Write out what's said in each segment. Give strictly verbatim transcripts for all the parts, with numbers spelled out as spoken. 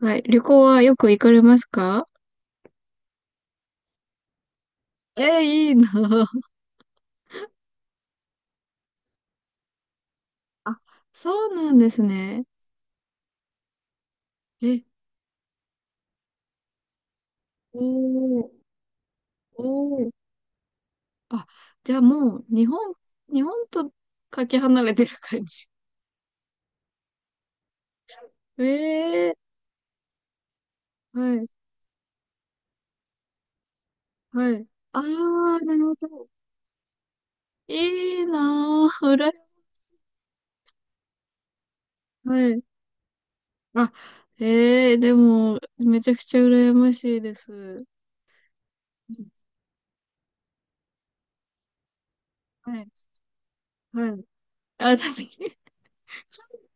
はい。旅行はよく行かれますか？えー、いいなぁ。あ、そうなんですね。え、おー、おー。あ、じゃあもう、日本、日本とかけ離れてる感じ。ええー、はい、はい。ああ、なるほど。いいなぁ、うらや、はい。あ、ええーでも、めちゃくちゃ羨ましいです。うん、はい、はい。あ、確かに、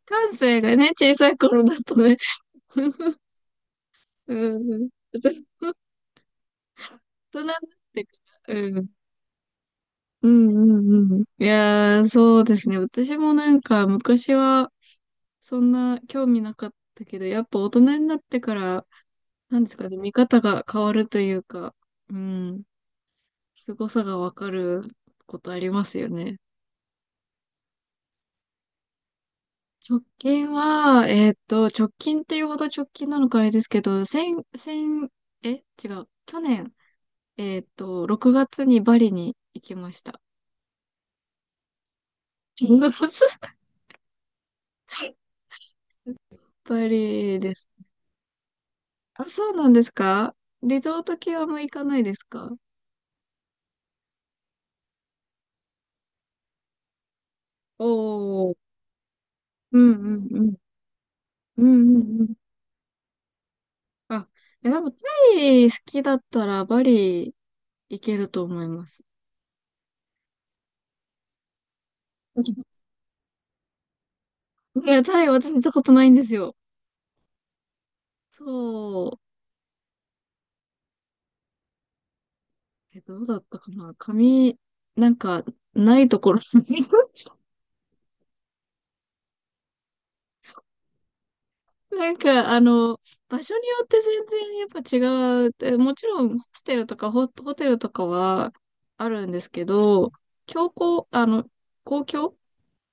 関西がね、小さい頃だとね。うん。ずっと、なんだっ、てか、うん。うんうんうん。いやー、そうですね。私もなんか昔はそんな興味なかったけど、やっぱ大人になってから、なんですかね、見方が変わるというか、うん、凄さがわかることありますよね。直近は、えーっと、直近っていうほど直近なのかあれですけど、先、先、え、違う。去年、えーっと、ろくがつにバリに行きました。ろくがつ、ぱりです。あ、そうなんですか？リゾート系はあんま行かないですか？おー。うんうんうん。うんうんうん。あ、いや、でもタイ好きだったらバリ行けると思います。いや、タイ私行ったことないんですよ。そう。え、どうだったかな、髪、なんか、ないところに。 なんか、あの、場所によって全然やっぱ違う。でもちろん、ホステルとかホ、ホテルとかはあるんですけど、教皇、あの、公共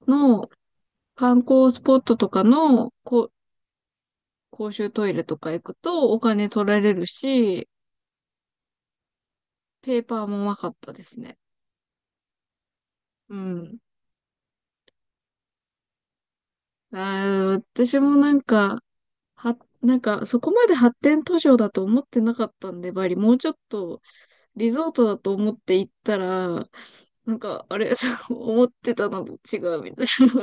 の観光スポットとかのこう公衆トイレとか行くとお金取られるし、ペーパーもなかったですね。うん。あー、私もなんか、は、なんか、そこまで発展途上だと思ってなかったんで、バリ、もうちょっとリゾートだと思って行ったら、なんか、あれ、そう思ってたのと違うみたいな。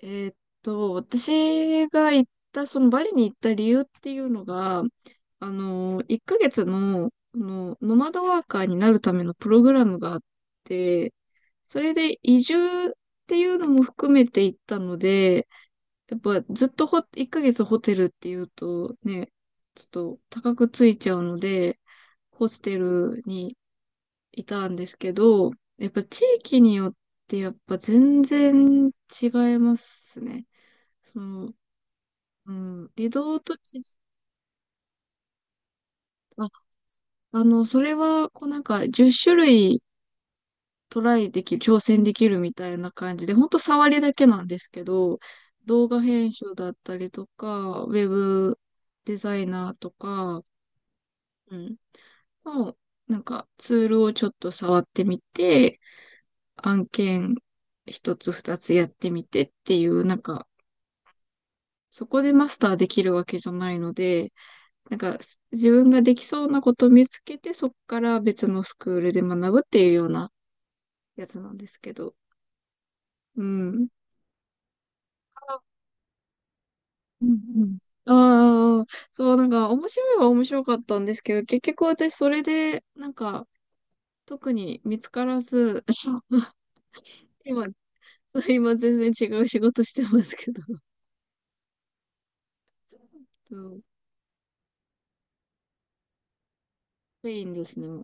えーっと、私が行った、そのバリに行った理由っていうのが、あの、いっかげつの、あの、ノマドワーカーになるためのプログラムがあって、それで移住っていうのも含めて行ったので、やっぱずっと、ほ、いっかげつホテルっていうとね、ちょっと高くついちゃうので、ホステルにいたんですけど、やっぱ地域によってやっぱ全然違いますね。その、うん、リゾート地、あ、あの、それは、こうなんかじゅっ種類トライできる、挑戦できるみたいな感じで、ほんと触りだけなんですけど、動画編集だったりとか、ウェブデザイナーとか、うん、の、なんかツールをちょっと触ってみて、案件一つ二つやってみてっていう、なんか、そこでマスターできるわけじゃないので、なんか自分ができそうなことを見つけて、そこから別のスクールで学ぶっていうようなやつなんですけど。うん。あ、うんうん。ああ、そう、なんか面白いは面白かったんですけど、結局私それで、なんか特に見つからず、今、今全然違う仕事してますけど、そうスペインですね。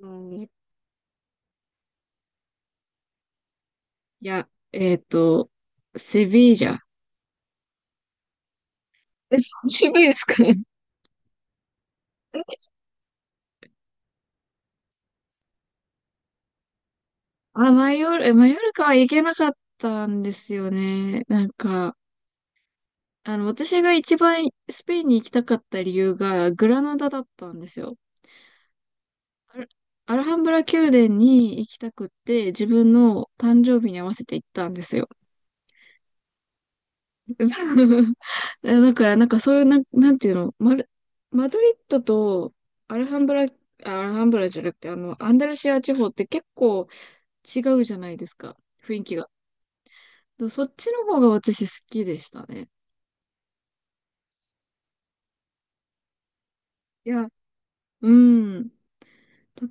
うん。いや、えっと、セビージャ。え、渋いですか？ あ、マヨル、えマヨルカは行けなかったんですよね。なんか、あの、私が一番スペインに行きたかった理由がグラナダだったんですよ。アルアルハンブラ宮殿に行きたくって、自分の誕生日に合わせて行ったんですよ。だから、なんかそういう、なん、なんていうの、マル、マドリッドとアルハンブラ、あ、アルハンブラじゃなくて、あの、アンダルシア地方って結構、違うじゃないですか、雰囲気が。だ、そっちの方が私好きでしたね。いや、うん。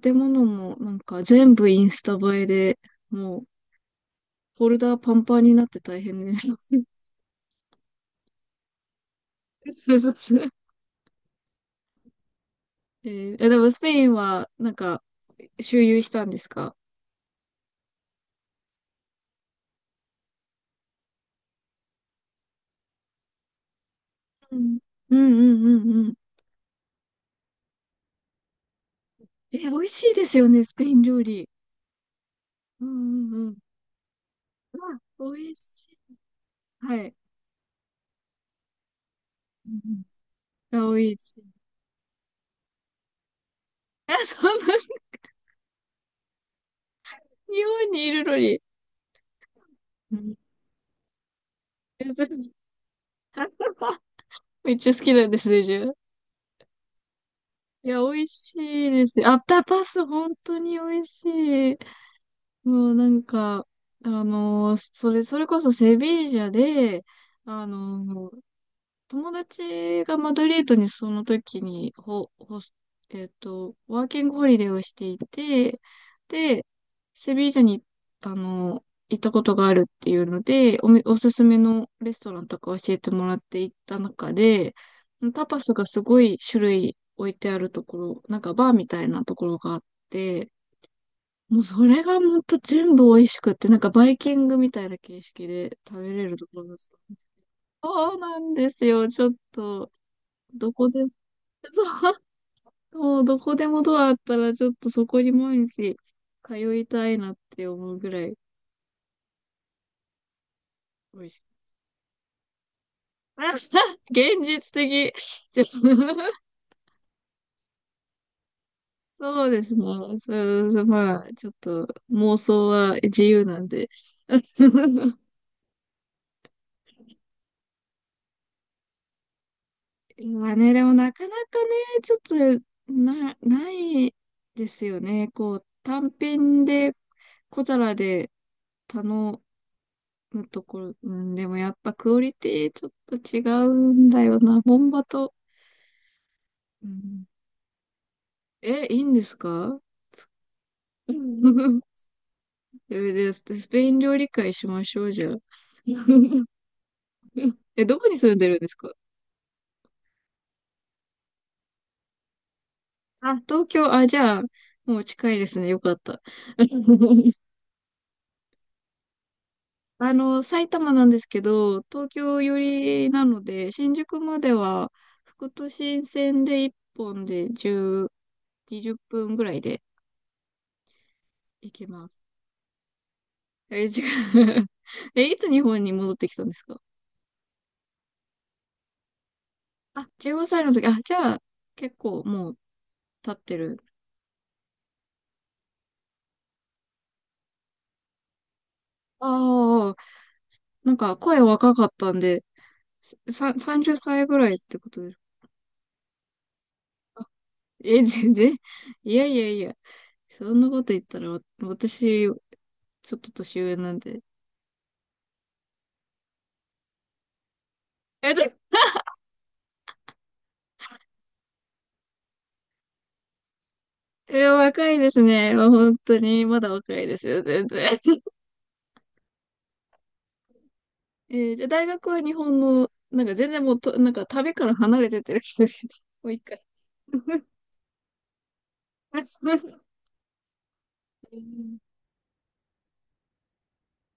建物もなんか全部インスタ映えで、もうフォルダーパンパンになって大変でした。そうそうそう。えーえでもスペインはなんか周遊したんですか？うん。うんうんうんうん。え、美味しいですよね、スペイン料理。うんうんうん。うわ、美味しい。はい。うんうん、あ、美味しい。あ、そんな、日本にいるのに。うん。 めっちゃ好きなんです、水じゅう。いや、美味しいですね。アフターパス、本当に美味しい。もうなんか、あのーそれ、それこそセビージャで、あの友達がマドリードにその時にほ、ほ、えっと、ワーキングホリデーをしていて、で、セビージャに、あの、行ったことがあるっていうので、おみ、おすすめのレストランとか教えてもらって行った中で、タパスがすごい種類置いてあるところ、なんかバーみたいなところがあって、もうそれがほんと全部美味しくって、なんかバイキングみたいな形式で食べれるところでした。そうなんですよ。ちょっと、どこで、そう、もうどこでもドアあったら、ちょっとそこに毎日通いたいなって思うぐらい美味しい。あ。 現実的。ちょ。 そうですね。そうそう、まあ、ちょっと妄想は自由なんで。まあね、でもなかなかね、ちょっと、な、ないですよね。こう、単品で小皿で頼のところ、うん、でもやっぱクオリティちょっと違うんだよな、本場と。うん、え、いいんですか？うん。 え、じゃあススペイン料理会しましょう、じゃあ。え、どこに住んでるんですか？あ、東京、あ、じゃあ、もう近いですね。よかった。あの、埼玉なんですけど、東京寄りなので、新宿までは、副都心線でいっぽんでじゅう、にふんぐらいで行けます。え、違う。え、いつ日本に戻ってきたんですか？あ、じゅうごさいの時。あ、じゃあ、結構もう経ってる。ああ、なんか声若かったんで、さ、さんじゅっさいぐらいってことですか？え、全然。いやいやいや。そんなこと言ったら、わ、私、ちょっと年上なんで。え、ちょ。え、若いですね。まあ本当に、まだ若いですよ、全然。えー、じゃあ大学は日本の、なんか全然もうと、なんか旅から離れてってる人です。もう一回。えー。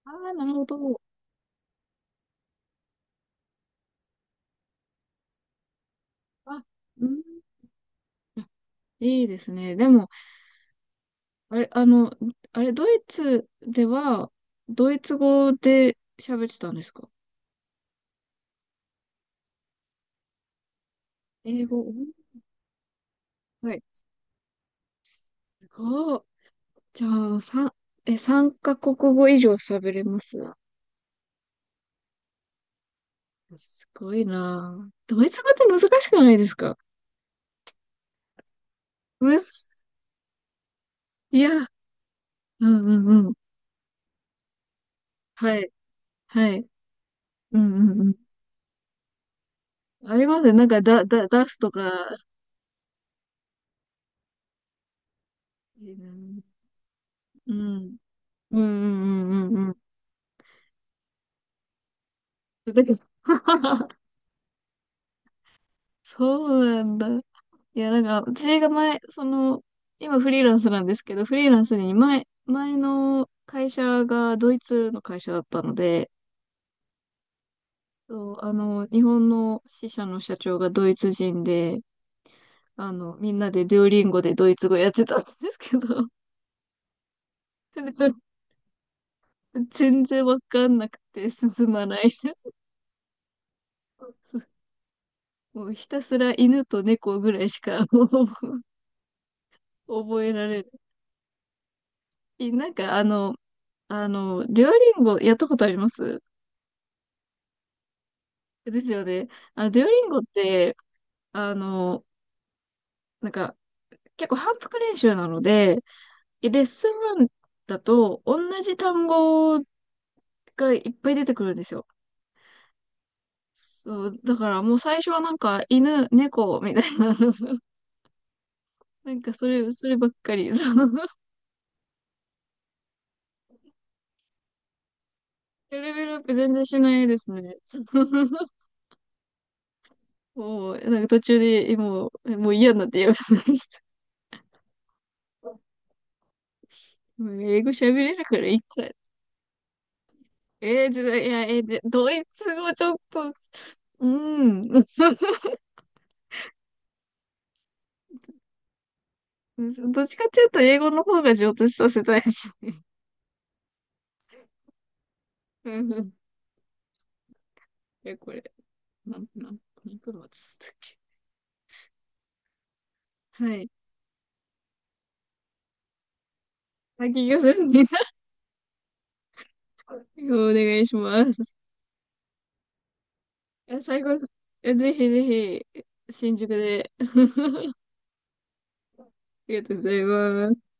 ああ、なるほど。あ、うん、いいですね。でも、あれ、あの、あれ、ドイツでは、ドイツ語で喋ってたんですか？英語、うん。はい。すごい。じゃあ、三、え、三カ国語以上喋れます？すごいなあ。ドイツ語って難しくないですか？むず、いや、うんうんうん。はい、はい。うんうんうん。ありますね。なんか、だ、だ、出すとか、うん、うん、うん、うん、うん、うん。だから、そうなんだ。いや、なんか、私が前、その、今フリーランスなんですけど、フリーランスに前、前の会社がドイツの会社だったので、そう、あの、日本の支社の社長がドイツ人で、あの、みんなでデュオリンゴでドイツ語やってたんですけど、全然わかんなくて進まないです。もうひたすら犬と猫ぐらいしかもう。 覚えられる、なんかあの、あの、デュオリンゴやったことあります？ですよね。あの、デュオリンゴって、あの、なんか、結構反復練習なので、レッスンいちだと、同じ単語がいっぱい出てくるんですよ。そう、だからもう最初はなんか、犬、猫、みたいな、なんかそれ、そればっかり、その、レベルアップ全然しないですね。もう、なんか途中で、もう、もう嫌になってやめました。もう英語喋れるからいいか。えー、じゃ、いや、えー、じゃ、ドイツ語ちょっと、うん。どっちかっていうと、英語の方が上達させたいですね。うんうん。え、これ、なん、なん、何分待つったっけ？はい。滝行さに、お願いします。え、最後、え、ぜひぜひ、新宿で、ありがとうございます。